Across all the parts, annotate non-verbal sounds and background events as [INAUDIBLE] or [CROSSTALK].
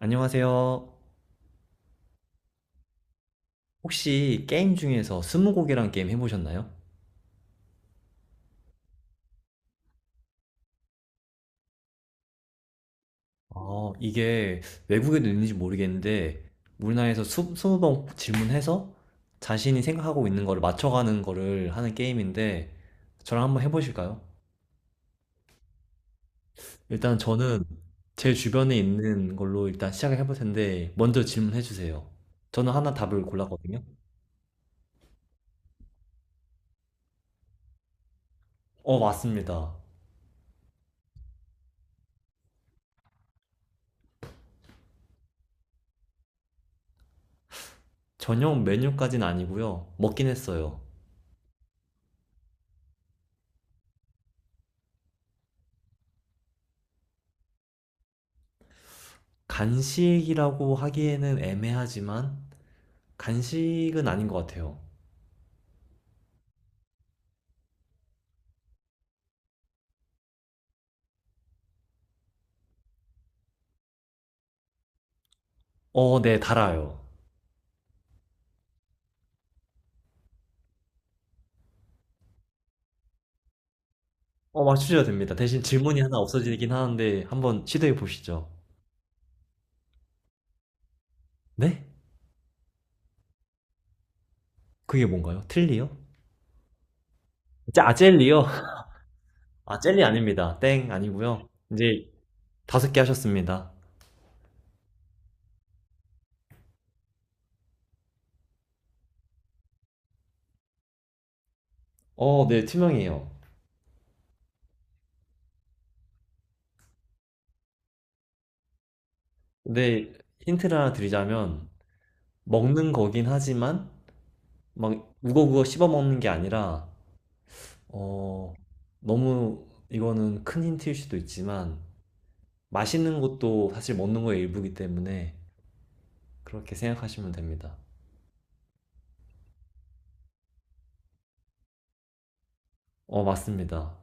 안녕하세요. 혹시 게임 중에서 스무고개란 게임 해보셨나요? 아, 이게 외국에도 있는지 모르겠는데, 우리나라에서 스무 번 질문해서 자신이 생각하고 있는 거를 맞춰가는 거를 하는 게임인데, 저랑 한번 해보실까요? 일단 저는 제 주변에 있는 걸로 일단 시작을 해볼 텐데, 먼저 질문해주세요. 저는 하나 답을 골랐거든요. 어, 맞습니다. 저녁 메뉴까지는 아니고요. 먹긴 했어요. 간식이라고 하기에는 애매하지만, 간식은 아닌 것 같아요. 어, 네, 달아요. 어, 맞추셔도 됩니다. 대신 질문이 하나 없어지긴 하는데 한번 시도해 보시죠. 네? 그게 뭔가요? 틀리요? 아, 젤리요? [LAUGHS] 아, 젤리 아닙니다. 땡, 아니고요. 이제 다섯 개 하셨습니다. 어, 네, 투명해요. 근데 힌트를 하나 드리자면 먹는 거긴 하지만 막 우거우거 씹어 먹는 게 아니라 어, 너무 이거는 큰 힌트일 수도 있지만 맛있는 것도 사실 먹는 거의 일부이기 때문에 그렇게 생각하시면 됩니다. 어, 맞습니다.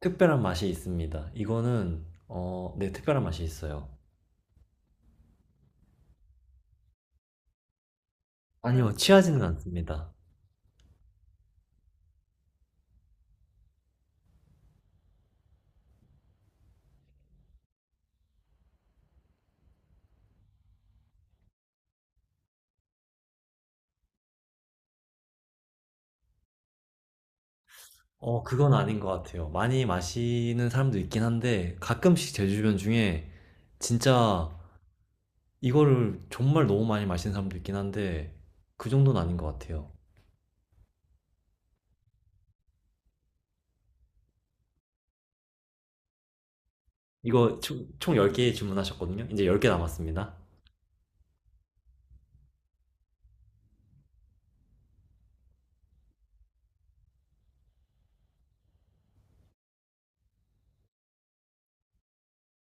특별한 맛이 있습니다. 이거는, 어, 네, 특별한 맛이 있어요. 아니요, 취하지는 않습니다. 어, 그건 아닌 것 같아요. 많이 마시는 사람도 있긴 한데, 가끔씩 제 주변 중에 진짜 이거를 정말 너무 많이 마시는 사람도 있긴 한데, 그 정도는 아닌 것 같아요. 이거 총 10개 주문하셨거든요? 이제 10개 남았습니다.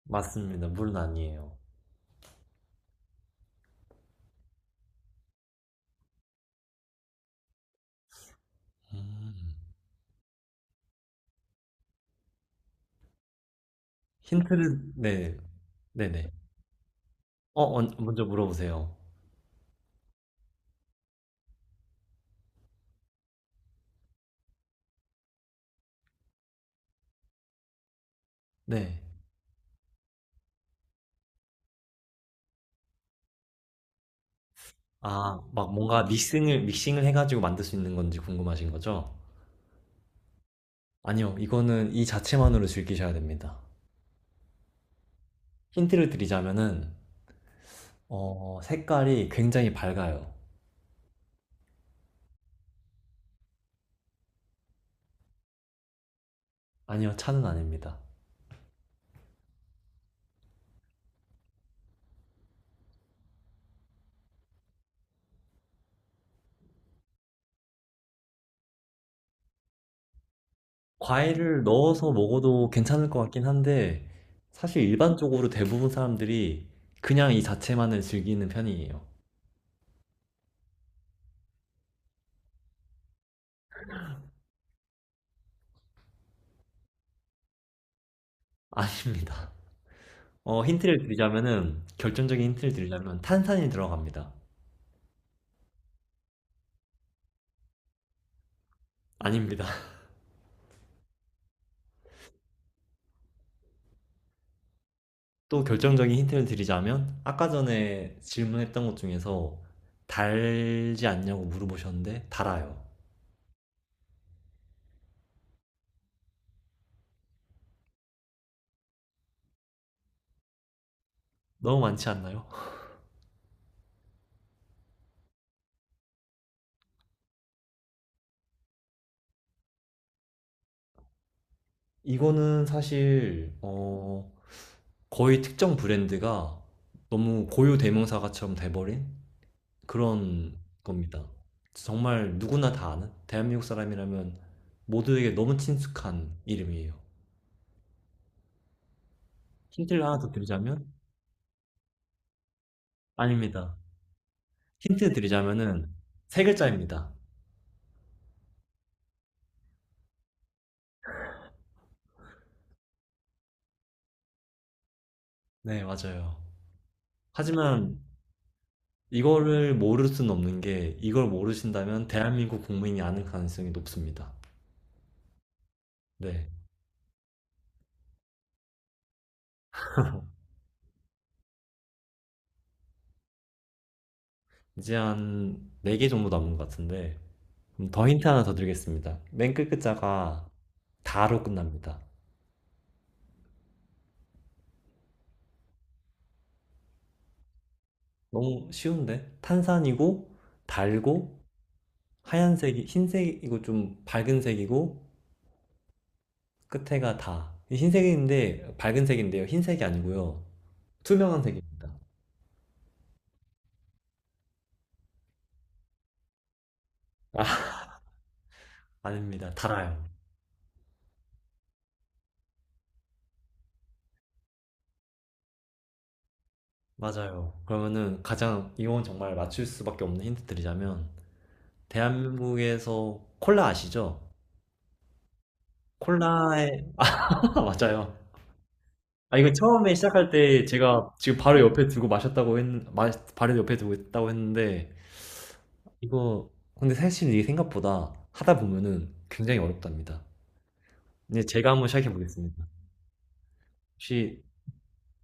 맞습니다. 물은 아니에요. 음. 힌트를, 네, 네네. 어, 먼저 물어보세요. 네. 아, 막 뭔가 믹싱을 해 가지고 만들 수 있는 건지 궁금하신 거죠? 아니요. 이거는 이 자체만으로 즐기셔야 됩니다. 힌트를 드리자면은 어, 색깔이 굉장히 밝아요. 아니요. 차는 아닙니다. 과일을 넣어서 먹어도 괜찮을 것 같긴 한데 사실 일반적으로 대부분 사람들이 그냥 이 자체만을 즐기는 편이에요. [LAUGHS] 아닙니다. 어, 힌트를 드리자면은 결정적인 힌트를 드리자면 탄산이 들어갑니다. 아닙니다. 또 결정적인 힌트를 드리자면 아까 전에 질문했던 것 중에서 달지 않냐고 물어보셨는데 달아요. 너무 많지 않나요? [LAUGHS] 이거는 사실 어, 거의 특정 브랜드가 너무 고유 대명사가처럼 돼버린 그런 겁니다. 정말 누구나 다 아는 대한민국 사람이라면 모두에게 너무 친숙한 이름이에요. 힌트를 하나 더 드리자면 아닙니다. 힌트 드리자면은 세 글자입니다. 네, 맞아요. 하지만 이거를 모를 수는 없는 게 이걸 모르신다면 대한민국 국민이 아는 가능성이 높습니다. 네. 이제 한 4개 정도 남은 것 같은데 그럼 더 힌트 하나 더 드리겠습니다. 맨 끝 글자가 다로 끝납니다. 너무 쉬운데? 탄산이고 달고 하얀색이 흰색이고 좀 밝은 색이고 끝에가 다. 흰색인데 밝은 색인데요. 흰색이 아니고요. 투명한 색입니다. 아, 아닙니다. 달아요. 맞아요. 그러면은 가장 이건 정말 맞출 수밖에 없는 힌트 드리자면 대한민국에서 콜라 아시죠? 콜라에 [LAUGHS] 맞아요. 아, 이거 처음에 시작할 때 제가 지금 바로 옆에 두고 마셨다고 마, 바로 옆에 두고 있다고 했는데 이거 근데 사실 이게 생각보다 하다 보면은 굉장히 어렵답니다. 이제 제가 한번 시작해 보겠습니다. 혹시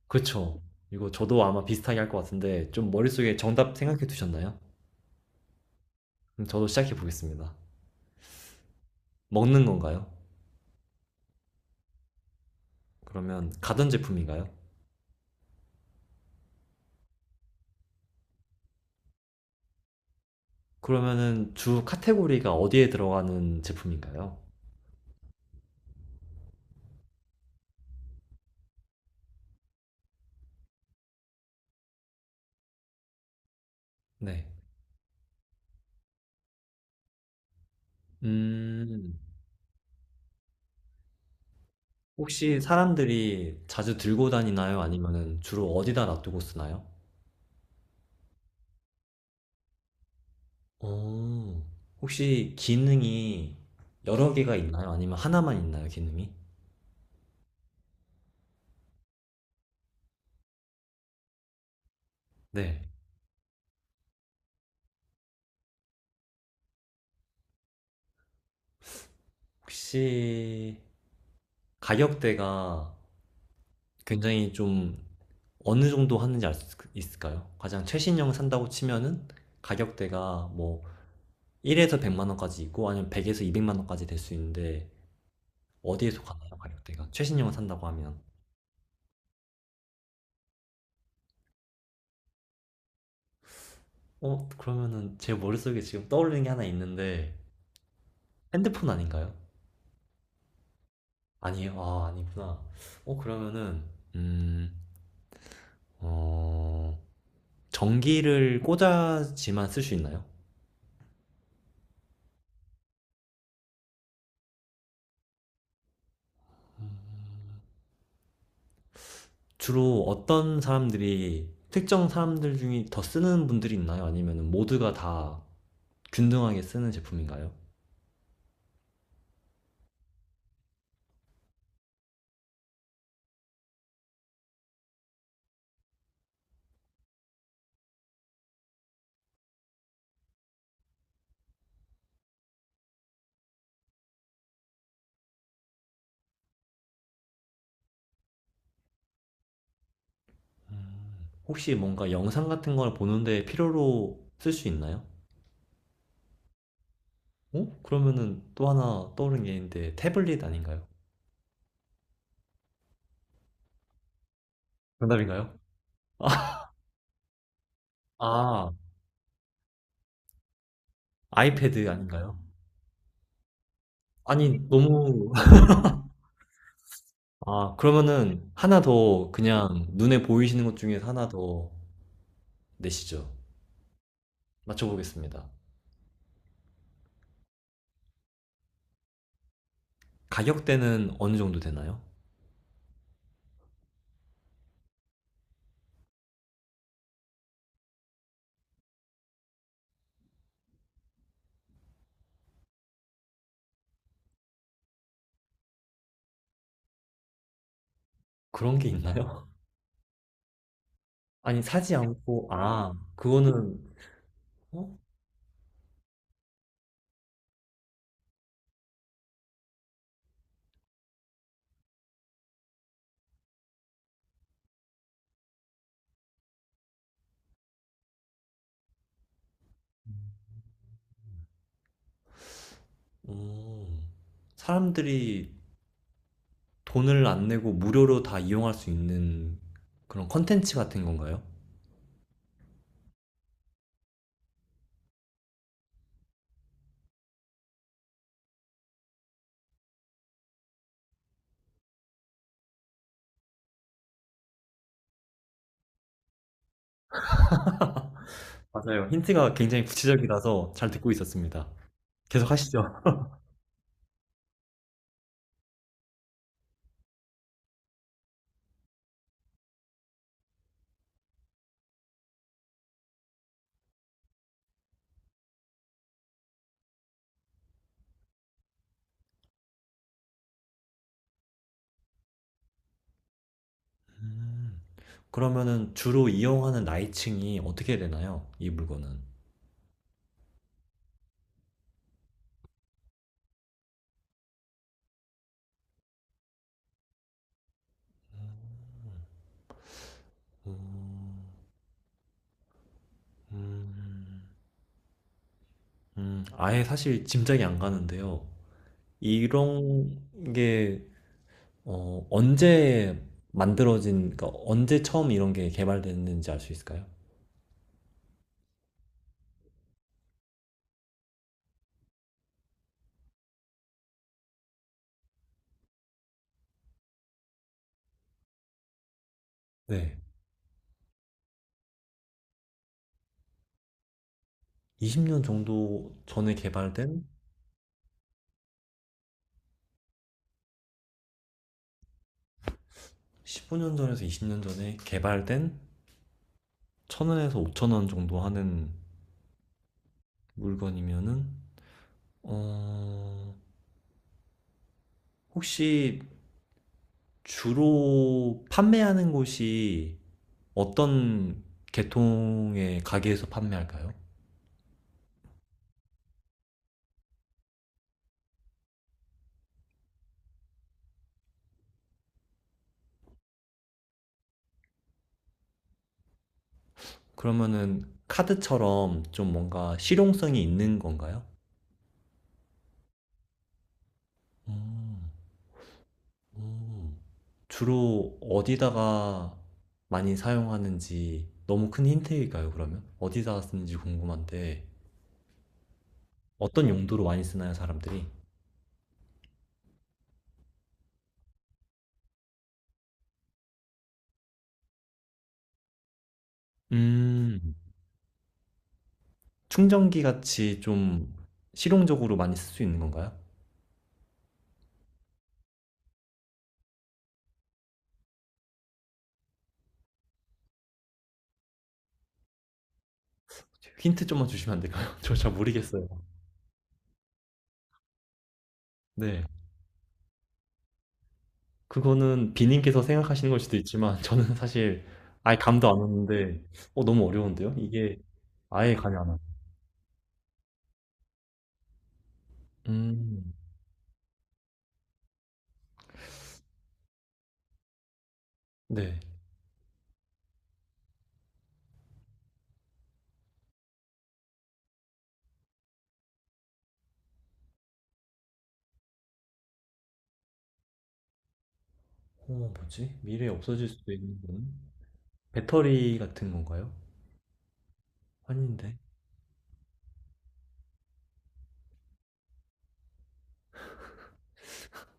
그쵸? 이거 저도 아마 비슷하게 할 것 같은데 좀 머릿속에 정답 생각해 두셨나요? 그럼 저도 시작해 보겠습니다. 먹는 건가요? 그러면 가전 제품인가요? 그러면은 주 카테고리가 어디에 들어가는 제품인가요? 네. 음, 혹시 사람들이 자주 들고 다니나요? 아니면은 주로 어디다 놔두고 쓰나요? 어, 혹시 기능이 여러 개가 있나요? 아니면 하나만 있나요, 기능이? 네. 혹시 가격대가 굉장히 좀 어느 정도 하는지 알 수 있을까요? 가장 최신형 산다고 치면은 가격대가 뭐 1에서 100만 원까지 있고 아니면 100에서 200만 원까지 될 수 있는데 어디에서 가나요, 가격대가 최신형을 산다고 하면? 어, 그러면은 제 머릿속에 지금 떠오르는 게 하나 있는데 핸드폰 아닌가요? 아니에요? 아, 아니구나. 어, 그러면은 음어 전기를 꽂아지만 쓸 수 있나요? 주로 어떤 사람들이 특정 사람들 중에 더 쓰는 분들이 있나요? 아니면 모두가 다 균등하게 쓰는 제품인가요? 혹시 뭔가 영상 같은 걸 보는데 필요로 쓸 수 있나요? 어? 그러면은 또 하나 떠오른 게 있는데 태블릿 아닌가요? 정답인가요? [LAUGHS] 아, 아이패드 아닌가요? 아니, 너무, [LAUGHS] 아, 그러면은 하나 더 그냥 눈에 보이시는 것 중에서 하나 더 내시죠. 맞춰보겠습니다. 가격대는 어느 정도 되나요? 그런 게 있나요? [LAUGHS] 아니, 사지 않고, 아, 그거는, 어? 음, 사람들이 돈을 안 내고 무료로 다 이용할 수 있는 그런 컨텐츠 같은 건가요? 맞아요. 힌트가 굉장히 구체적이라서 잘 듣고 있었습니다. 계속 하시죠. 음, 그러면은 주로 이용하는 나이층이 어떻게 되나요, 이 물건은? 음, 음, 아예 사실 짐작이 안 가는데요. 이런 게 어, 언제 만들어진, 그러니까 언제 처음 이런 게 개발됐는지 알 수 있을까요? 네. 20년 정도 전에 개발된 15년 전에서 20년 전에 개발된 1,000원에서 5,000원 정도 하는 물건이면은 어, 혹시 주로 판매하는 곳이 어떤 계통의 가게에서 판매할까요? 그러면은 카드처럼 좀 뭔가 실용성이 있는 건가요? 음, 음. 주로 어디다가 많이 사용하는지 너무 큰 힌트일까요, 그러면? 어디다가 쓰는지 궁금한데. 어떤 용도로 많이 쓰나요, 사람들이? 음, 충전기 같이 좀 실용적으로 많이 쓸 수 있는 건가요? 힌트 좀만 주시면 안 될까요? [LAUGHS] 저 잘 모르겠어요. 네. 그거는 비님께서 생각하시는 걸 수도 있지만, 저는 [LAUGHS] 사실 아예 감도 안 오는데, 어, 너무 어려운데요? 이게 아예 감이 안 와요. 음, 네. 어, 뭐지? 미래에 없어질 수도 있는 건? 배터리 같은 건가요? 아닌데.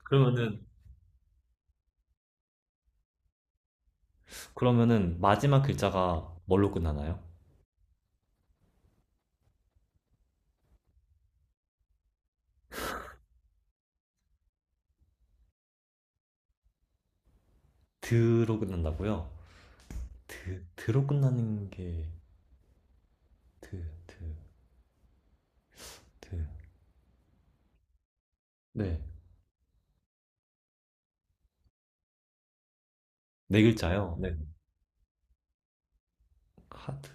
그러면은, 그러면은 마지막 글자가 뭘로 끝나나요? 드로 끝난다고요? 드, 드로 끝나는 게 드, 드, 드. 네. 네 글자요. 네. 카드.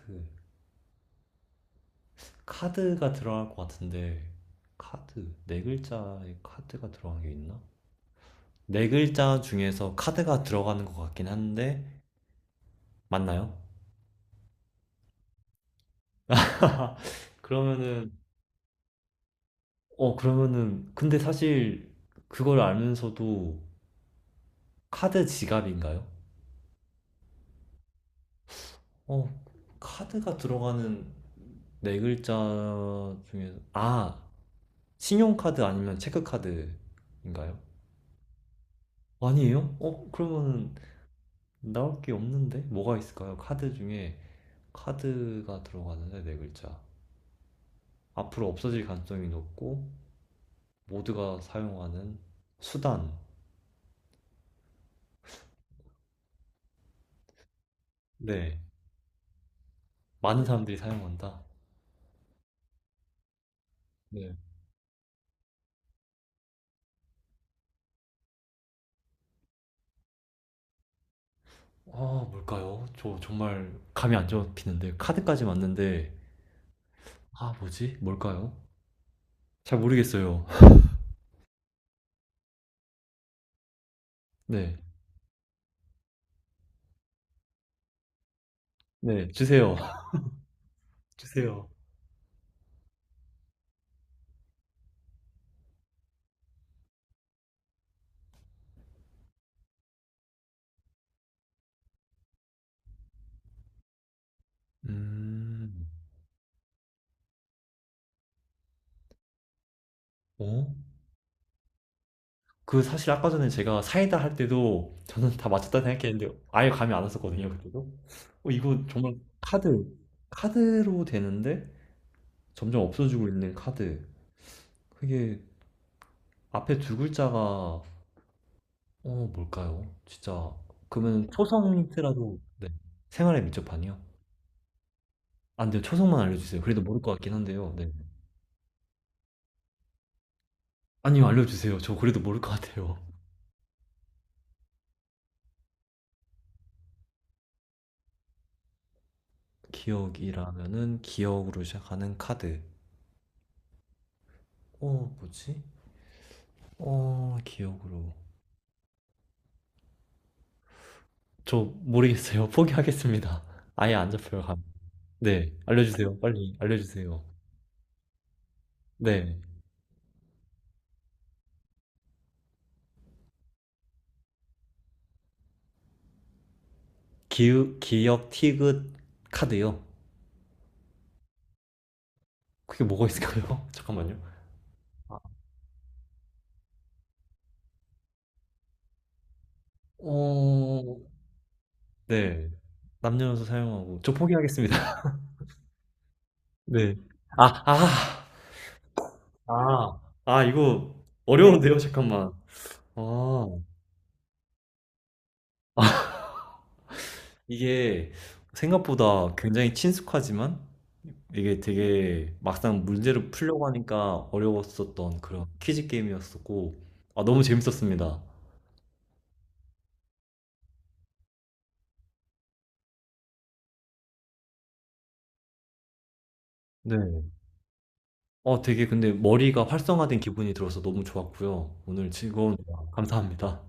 카드가 들어갈 것 같은데 카드. 네 글자에 카드가 들어간 게 있나? 네 글자 중에서 카드가 들어가는 것 같긴 한데 맞나요? [LAUGHS] 그러면은 어, 그러면은 근데 사실 그걸 알면서도 카드 지갑인가요? 어, 카드가 들어가는 네 글자 중에서 아, 신용카드 아니면 체크카드인가요? 아니에요? 어, 그러면 나올 게 없는데? 뭐가 있을까요? 카드 중에 카드가 들어가는데 네 글자. 앞으로 없어질 가능성이 높고 모두가 사용하는 수단. 네. 많은 사람들이 사용한다. 네. 아, 뭘까요? 저 정말 감이 안 잡히는데 카드까지 맞는데 아, 뭐지? 뭘까요? 잘 모르겠어요. [LAUGHS] 네. 네, 주세요. [LAUGHS] 주세요. 음. 어? 그 사실 아까 전에 제가 사이다 할 때도 저는 다 맞췄다 생각했는데 아예 감이 안 왔었거든요, 그때도. 어, 이거 정말 카드, 카드로 되는데 점점 없어지고 있는 카드. 그게 앞에 두 글자가, 어, 뭘까요, 진짜? 그러면 초성 힌트라도, 네. 생활에 밀접하니요? 안 돼요. 초성만 알려주세요. 그래도 모를 것 같긴 한데요. 네. 아니요, 알려주세요. 저 그래도 모를 것 같아요. 기억이라면은 기억으로 시작하는 카드. 어, 뭐지? 어, 기억으로. 저 모르겠어요. [LAUGHS] 포기하겠습니다. 아예 안 잡혀요, 감. 네, 알려주세요. 빨리 알려주세요. 네, 기우, 기역 티귿 카드요. 그게 뭐가 있을까요? [LAUGHS] 잠깐만요. 어, 네, 남녀노소 사용하고 저 포기하겠습니다. [LAUGHS] 네, 아, 아, 아, 아 이거 어려운데요. 잠깐만. 아, 이게 생각보다 굉장히 친숙하지만 이게 되게 막상 문제를 풀려고 하니까 어려웠었던 그런 퀴즈 게임이었었고 아, 너무 재밌었습니다. 네. 어, 되게 근데 머리가 활성화된 기분이 들어서 너무 좋았고요. 오늘 즐거운 대화 감사합니다.